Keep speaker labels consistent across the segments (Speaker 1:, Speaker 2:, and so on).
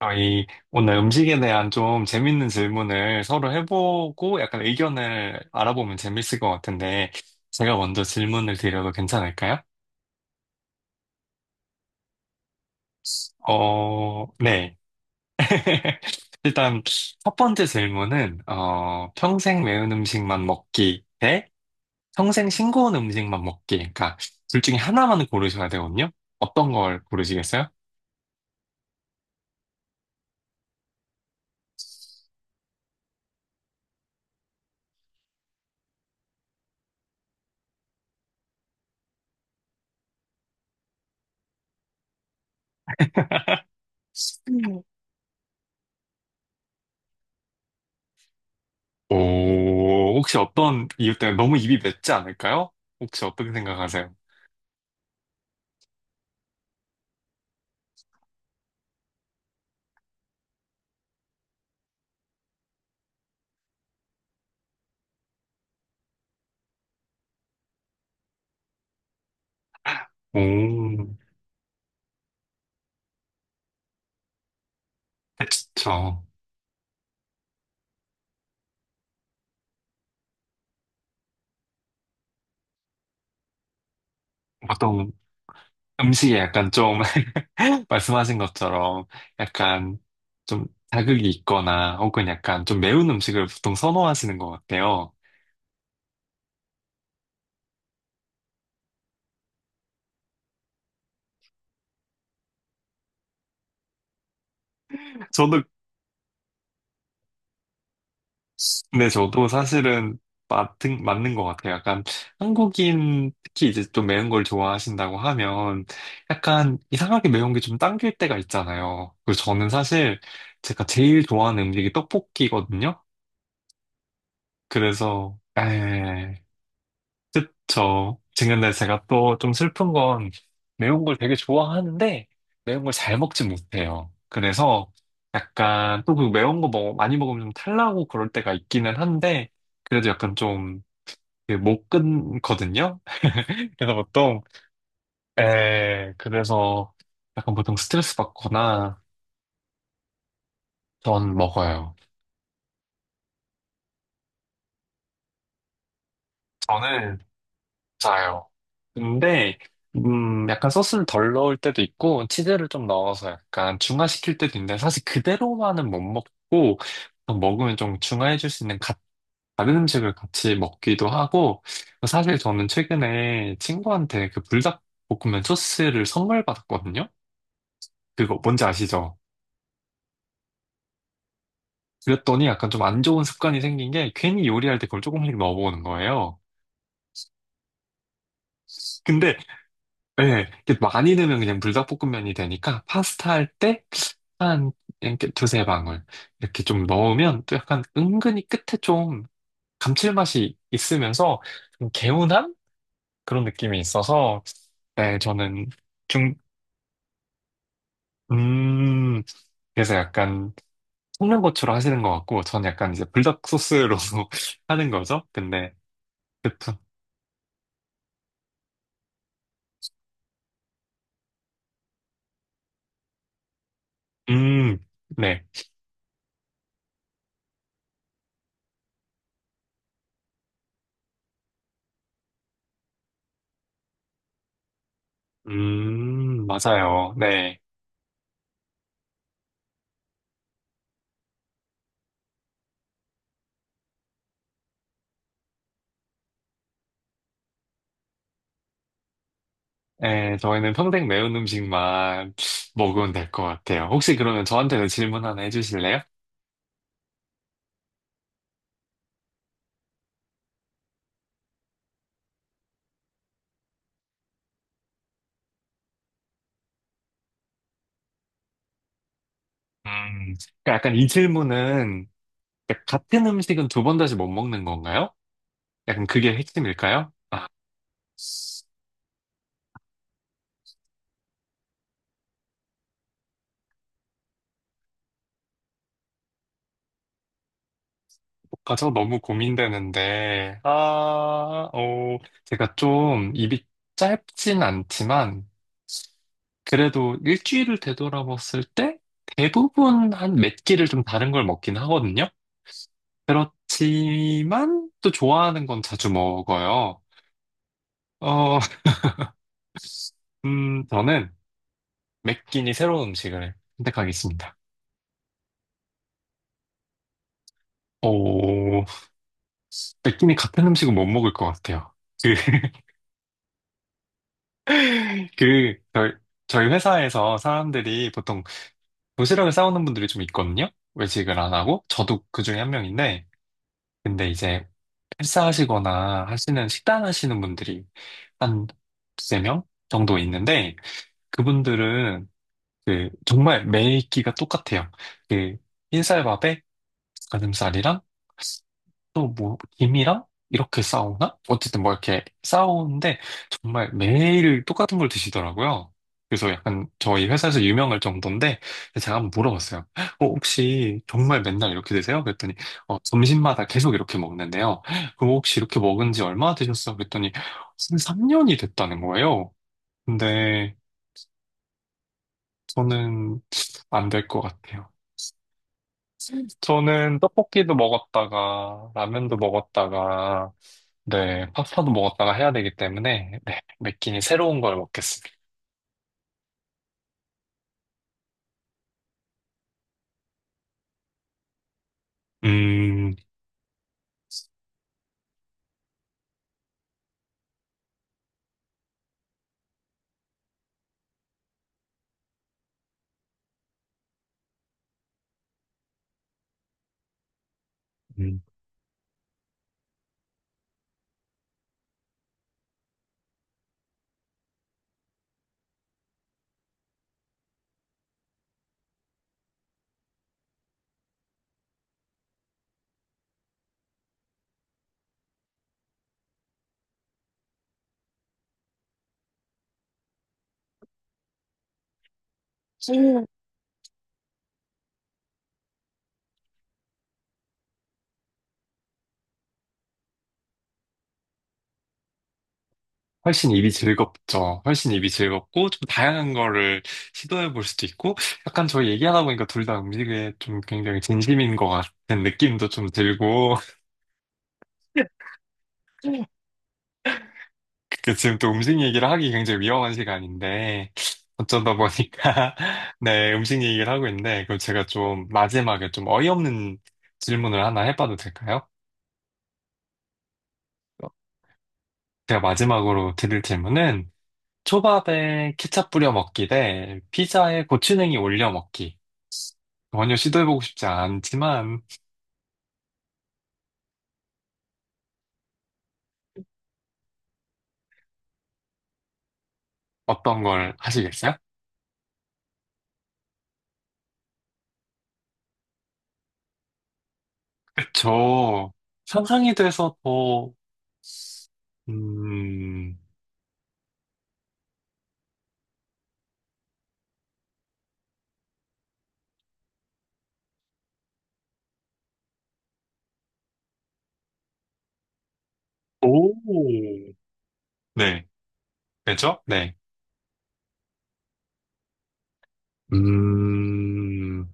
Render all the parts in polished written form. Speaker 1: 아, 오늘 음식에 대한 좀 재밌는 질문을 서로 해보고 약간 의견을 알아보면 재밌을 것 같은데, 제가 먼저 질문을 드려도 괜찮을까요? 네. 일단, 첫 번째 질문은, 평생 매운 음식만 먹기 대 평생 싱거운 음식만 먹기. 그러니까, 둘 중에 하나만 고르셔야 되거든요? 어떤 걸 고르시겠어요? 음. 오, 혹시 어떤 이유 때문에 너무 입이 맵지 않을까요? 혹시 어떻게 생각하세요? 오, 그쵸. 보통 음식에 약간 좀 말씀하신 것처럼 약간 좀 자극이 있거나 혹은 약간 좀 매운 음식을 보통 선호하시는 것 같아요. 저도, 네, 저도 사실은 맞는 것 같아요. 약간 한국인 특히 이제 좀 매운 걸 좋아하신다고 하면 약간 이상하게 매운 게 좀 당길 때가 있잖아요. 그리고 저는 사실 제가 제일 좋아하는 음식이 떡볶이거든요. 그래서, 에 그쵸. 근데 제가 또 좀 슬픈 건 매운 걸 되게 좋아하는데 매운 걸 잘 먹지 못해요. 그래서 약간 또 그 많이 먹으면 좀 탈나고 그럴 때가 있기는 한데 그래도 약간 좀 못 끊거든요. 그래서 보통 에 그래서 약간 보통 스트레스 받거나 전 먹어요. 저는 맞아요. 근데, 약간 소스를 덜 넣을 때도 있고, 치즈를 좀 넣어서 약간 중화시킬 때도 있는데, 사실 그대로만은 못 먹고, 먹으면 좀 중화해줄 수 있는 다른 음식을 같이 먹기도 하고, 사실 저는 최근에 친구한테 그 불닭볶음면 소스를 선물 받았거든요? 그거 뭔지 아시죠? 그랬더니 약간 좀 안 좋은 습관이 생긴 게, 괜히 요리할 때 그걸 조금씩 넣어보는 거예요. 근데, 예, 이렇게 많이 넣으면 그냥 불닭볶음면이 되니까, 파스타 할 때, 한 이렇게 두세 방울 이렇게 좀 넣으면 또 약간 은근히 끝에 좀 감칠맛이 있으면서 좀 개운한 그런 느낌이 있어서 네 저는 중 음 그래서 약간 볶는 고추로 하시는 것 같고 저는 약간 이제 불닭 소스로 하는 거죠. 근데 그쵸 음네음 맞아요 네. 네, 저희는 평생 매운 음식만 먹으면 될 것 같아요. 혹시 그러면 저한테도 질문 하나 해주실래요? 음, 그러니까 약간 이 질문은 그러니까 같은 음식은 두 번 다시 못 먹는 건가요? 약간 그게 핵심일까요? 아, 저 너무 고민되는데, 아, 어, 제가 좀 입이 짧진 않지만, 그래도 일주일을 되돌아봤을 때 대부분 한 몇 끼를 좀 다른 걸 먹긴 하거든요? 그렇지만 또 좋아하는 건 자주 먹어요. 어, 저는 매 끼니 새로운 음식을 선택하겠습니다. 오, 느낌이 같은 음식은 못 먹을 것 같아요. 그, 그, 저희, 저희 회사에서 사람들이 보통 도시락을 싸오는 분들이 좀 있거든요? 외식을 안 하고. 저도 그 중에 한 명인데. 근데 이제 헬스하시거나 하시는 식단 하시는 분들이 한 두세 명 정도 있는데, 그분들은 그, 정말 매 끼가 똑같아요. 그, 흰쌀밥에 가슴살이랑 또 뭐, 김이랑 이렇게 싸우나? 어쨌든 뭐 이렇게 싸우는데 정말 매일 똑같은 걸 드시더라고요. 그래서 약간 저희 회사에서 유명할 정도인데 제가 한번 물어봤어요. 혹시 정말 맨날 이렇게 드세요? 그랬더니 어, 점심마다 계속 이렇게 먹는데요. 그럼 혹시 이렇게 먹은 지 얼마나 되셨어요? 그랬더니 삼 3년이 됐다는 거예요. 근데 저는 안 될 것 같아요. 저는 떡볶이도 먹었다가 라면도 먹었다가 네 파스타도 먹었다가 해야 되기 때문에 네 매끼니 새로운 걸 먹겠습니다. 음, 음. 음. 훨씬 입이 즐겁죠. 훨씬 입이 즐겁고 좀 다양한 거를 시도해 볼 수도 있고 약간 저희 얘기하다 보니까 둘 다 음식에 좀 굉장히 진심인 것 같은 느낌도 좀 들고 그 지금 또 음식 얘기를 하기 굉장히 위험한 시간인데 어쩌다 보니까 네 음식 얘기를 하고 있는데 그럼 제가 좀 마지막에 좀 어이없는 질문을 하나 해봐도 될까요? 제가 마지막으로 드릴 질문은 초밥에 케첩 뿌려 먹기 대 피자에 고추냉이 올려 먹기 전혀 시도해보고 싶지 않지만 어떤 걸 하시겠어요? 저 상상이 돼서 더 음... 오. 네. 그렇죠? 네. 음,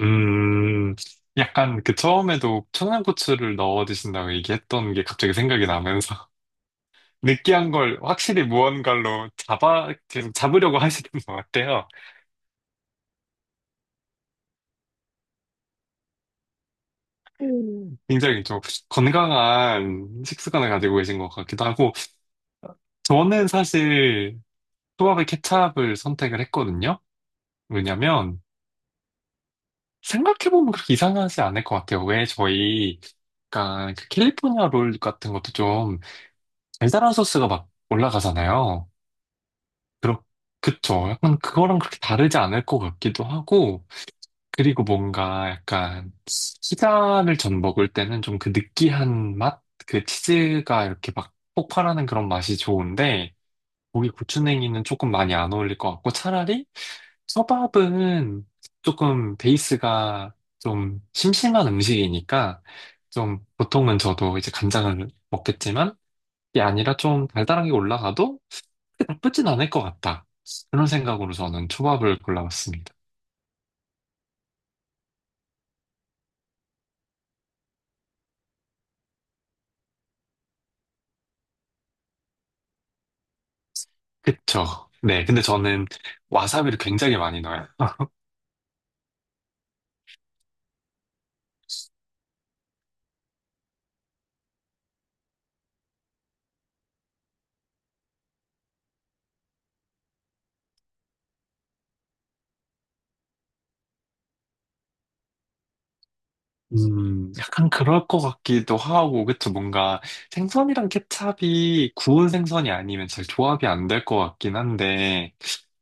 Speaker 1: 음, 약간 그 처음에도 청양고추를 넣어 드신다고 얘기했던 게 갑자기 생각이 나면서 느끼한 걸 확실히 무언가로 잡아, 계속 잡으려고 하시는 것 같아요. 음. 굉장히 좀 건강한 식습관을 가지고 계신 것 같기도 하고, 저는 사실 초밥에 케찹을 선택을 했거든요. 왜냐면 생각해보면 그렇게 이상하지 않을 것 같아요. 왜 저희, 약간 그 캘리포니아 롤 같은 것도 좀 달달한 소스가 막 올라가잖아요. 그렇, 그쵸. 약간 그거랑 그렇게 다르지 않을 것 같기도 하고, 그리고 뭔가 약간 피자를 전 먹을 때는 좀 그 느끼한 맛? 그 치즈가 이렇게 막 폭발하는 그런 맛이 좋은데, 고기 고추냉이는 조금 많이 안 어울릴 것 같고, 차라리 초밥은 조금 베이스가 좀 심심한 음식이니까, 좀 보통은 저도 이제 간장을 먹겠지만, 게 아니라 좀 달달하게 올라가도 그렇게 나쁘진 않을 것 같다. 그런 생각으로 저는 초밥을 골라봤습니다. 그쵸? 네, 근데 저는 와사비를 굉장히 많이 넣어요. 약간 그럴 것 같기도 하고, 그쵸? 뭔가 생선이랑 케찹이 구운 생선이 아니면 잘 조합이 안 될 것 같긴 한데,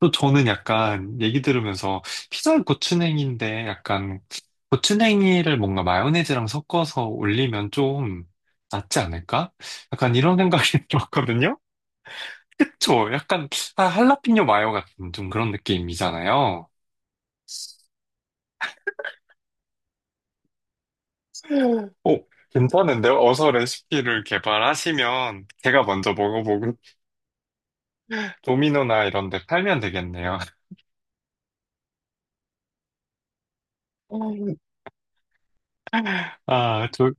Speaker 1: 또 저는 약간 얘기 들으면서 피자에 고추냉이인데 약간 고추냉이를 뭔가 마요네즈랑 섞어서 올리면 좀 낫지 않을까? 약간 이런 생각이 들었거든요? 그쵸? 약간 아, 할라피뇨 마요 같은 좀 그런 느낌이잖아요. 오, 괜찮은데요? 어서 레시피를 개발하시면 제가 먼저 먹어보고 도미노나 이런 데 팔면 되겠네요. 아, 저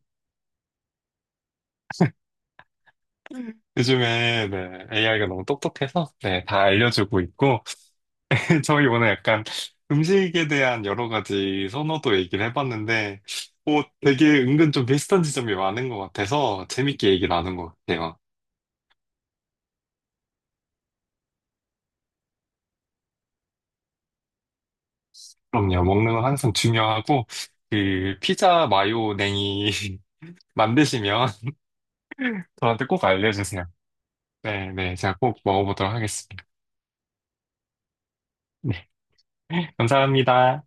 Speaker 1: 요즘에 네, AI가 너무 똑똑해서 네, 다 알려주고 있고 저희 오늘 약간 음식에 대한 여러 가지 선호도 얘기를 해봤는데 오, 되게 은근 좀 비슷한 지점이 많은 것 같아서 재밌게 얘기 나눈 것 같아요. 그럼요, 먹는 건 항상 중요하고 그 피자 마요 냉이 만드시면 저한테 꼭 알려주세요. 네, 네. 제가 꼭 먹어보도록 하겠습니다. 네. 감사합니다.